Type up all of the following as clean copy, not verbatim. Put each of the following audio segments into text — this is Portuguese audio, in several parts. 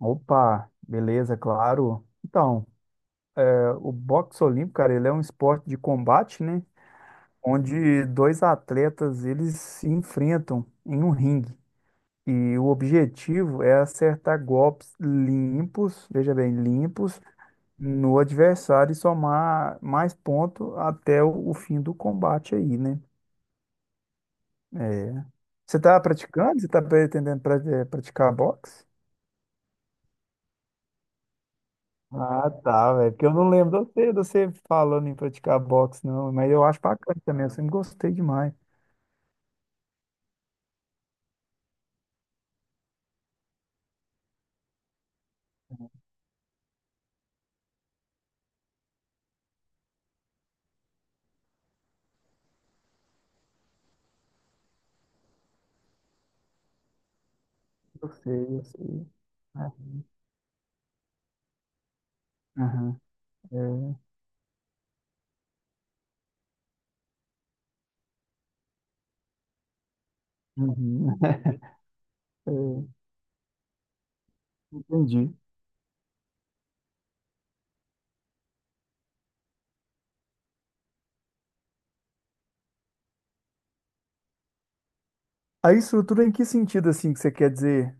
Opa, beleza, claro. O boxe olímpico, cara, ele é um esporte de combate, né? Onde dois atletas, eles se enfrentam em um ringue. E o objetivo é acertar golpes limpos, veja bem, limpos, no adversário e somar mais pontos até o fim do combate aí, né? É. Você tá praticando? Você tá praticar boxe? Ah, tá, velho. Porque eu não lembro de você falando em praticar boxe, não. Mas eu acho bacana também. Eu sempre gostei demais. Eu sei, eu sei. É, aham, é, uhum, é, entendi. A estrutura em que sentido, assim, que você quer dizer?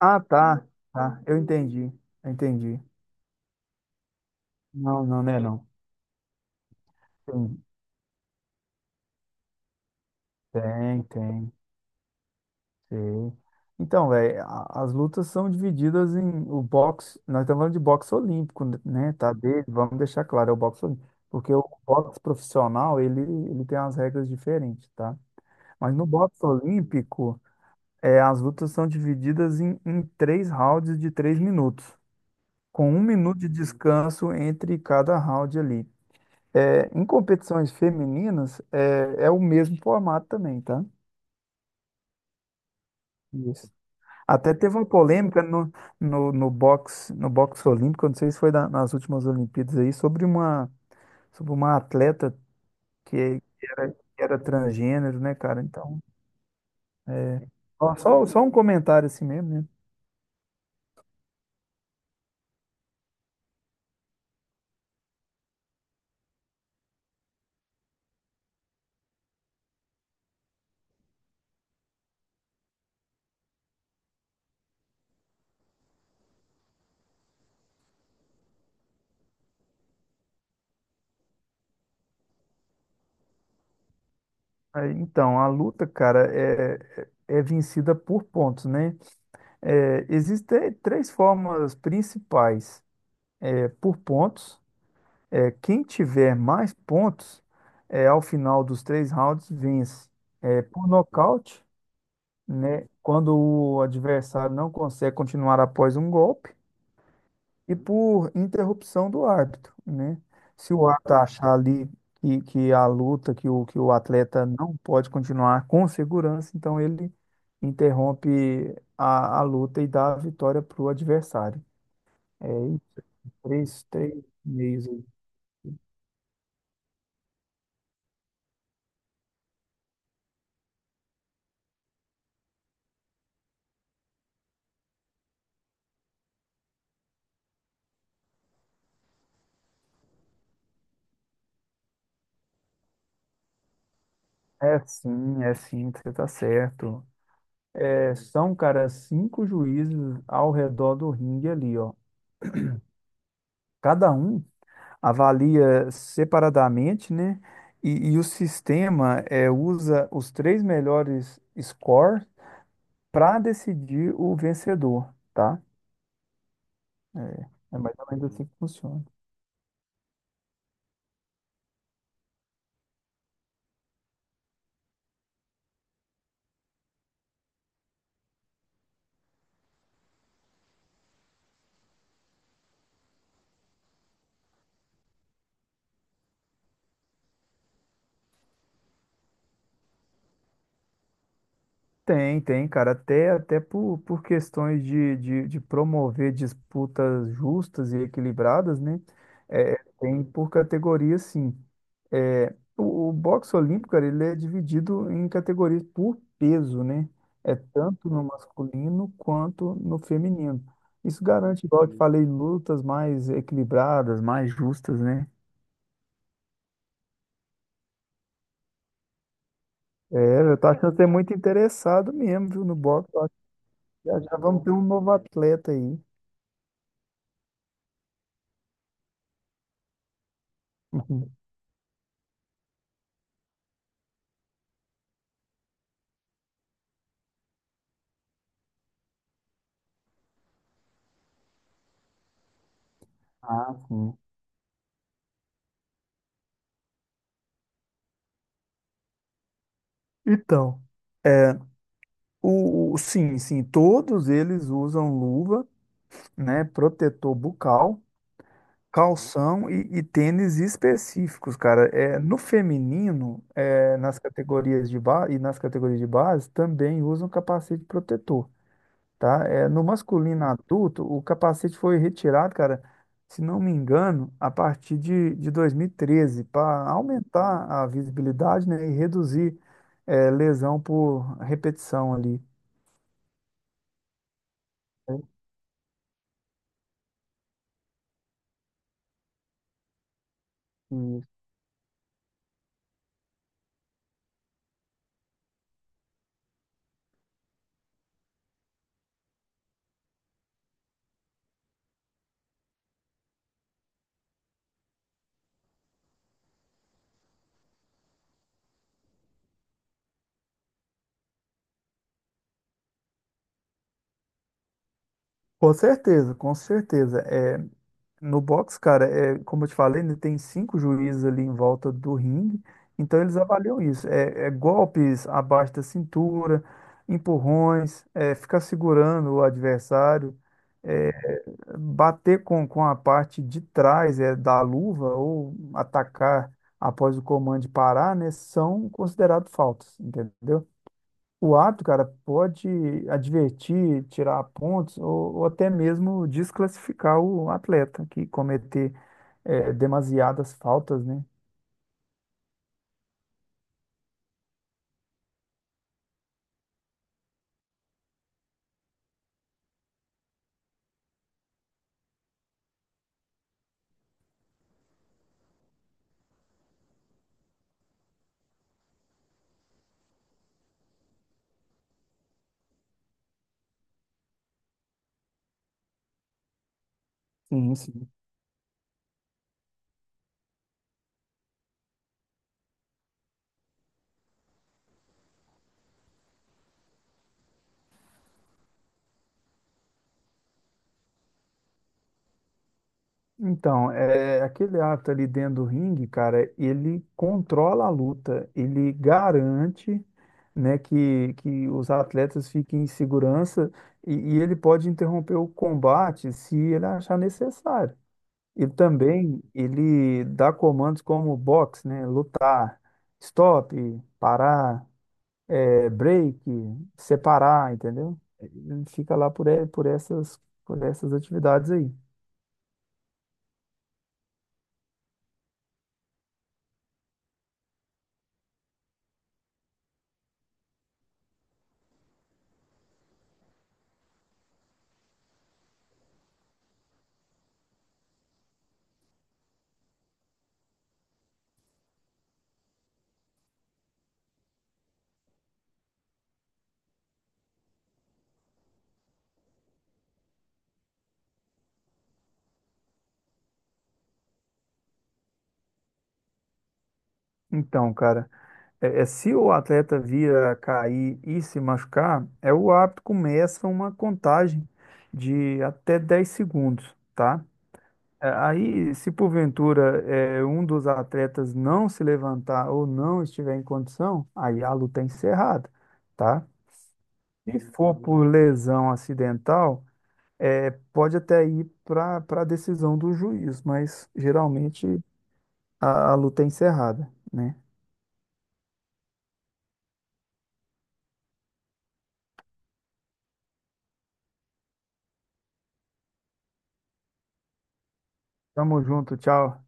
Ah, tá. Tá, eu entendi. Eu entendi. Não, não, né, não. Tem, tem, tem. Sim. Então, velho, as lutas são divididas em o boxe. Nós estamos falando de boxe olímpico, né? Tá dele, vamos deixar claro, é o boxe olímpico. Porque o boxe profissional, ele tem as regras diferentes, tá? Mas no boxe olímpico, as lutas são divididas em 3 rounds de 3 minutos, com 1 minuto de descanso entre cada round ali. É, em competições femininas, é o mesmo formato também, tá? Isso. Até teve uma polêmica no boxe, no boxe olímpico, não sei se foi nas últimas Olimpíadas aí, sobre uma atleta que era transgênero, né, cara? Então, ó, só um comentário assim mesmo, né? Aí, então, a luta, cara, é vencida por pontos, né? É, existem três formas principais. É por pontos. É, quem tiver mais pontos, é, ao final dos 3 rounds, vence. É, por nocaute. Né? Quando o adversário não consegue continuar após um golpe e por interrupção do árbitro, né? Se o árbitro achar ali que a luta, que o atleta não pode continuar com segurança, então ele interrompe a luta e dá a vitória para o adversário. É isso, três meios aí. É sim, você tá certo. É, são, cara, 5 juízes ao redor do ringue ali, ó. Cada um avalia separadamente, né? E, o sistema é, usa os três melhores scores para decidir o vencedor, tá? É, é mais ou menos assim que funciona. Tem, tem, cara, até por questões de promover disputas justas e equilibradas, né? É, é, tem por categoria, sim. É, o boxe olímpico, cara, ele é dividido em categorias por peso, né? É tanto no masculino quanto no feminino. Isso garante, igual eu te falei, lutas mais equilibradas, mais justas, né? É, eu tô achando que você é muito interessado mesmo, viu, no boxe. Eu acho que já vamos ter um novo atleta aí. Ah, sim. Então, é, sim, todos eles usam luva, né, protetor bucal, calção e tênis específicos, cara. É, no feminino, é, nas categorias de base e nas categorias de base também usam capacete protetor, tá? É, no masculino adulto, o capacete foi retirado, cara, se não me engano, a partir de 2013, para aumentar a visibilidade, né, e reduzir, é, lesão por repetição ali. Né? Com certeza, com certeza. É. No boxe, cara, é, como eu te falei, né, tem 5 juízes ali em volta do ringue, então eles avaliam isso. É, é golpes abaixo da cintura, empurrões, é, ficar segurando o adversário, é, bater com a parte de trás é, da luva ou atacar após o comando de parar, né, são considerados faltas, entendeu? O árbitro, cara, pode advertir, tirar pontos ou até mesmo desclassificar o atleta que cometer é, demasiadas faltas, né? Sim, sim. Então, é, aquele árbitro ali dentro do ringue, cara, ele controla a luta, ele garante, né, que os atletas fiquem em segurança e ele pode interromper o combate se ele achar necessário. E também ele dá comandos como box, né, lutar, stop, parar, é, break, separar, entendeu? Ele fica lá por, e- por essas atividades aí. Então, cara, é, é, se o atleta vir a cair e se machucar, é o árbitro começa uma contagem de até 10 segundos, tá? É, aí, se porventura é, um dos atletas não se levantar ou não estiver em condição, aí a luta é encerrada, tá? Se for por lesão acidental, é, pode até ir para para a decisão do juiz, mas geralmente a luta é encerrada, né? Tamo junto, tchau.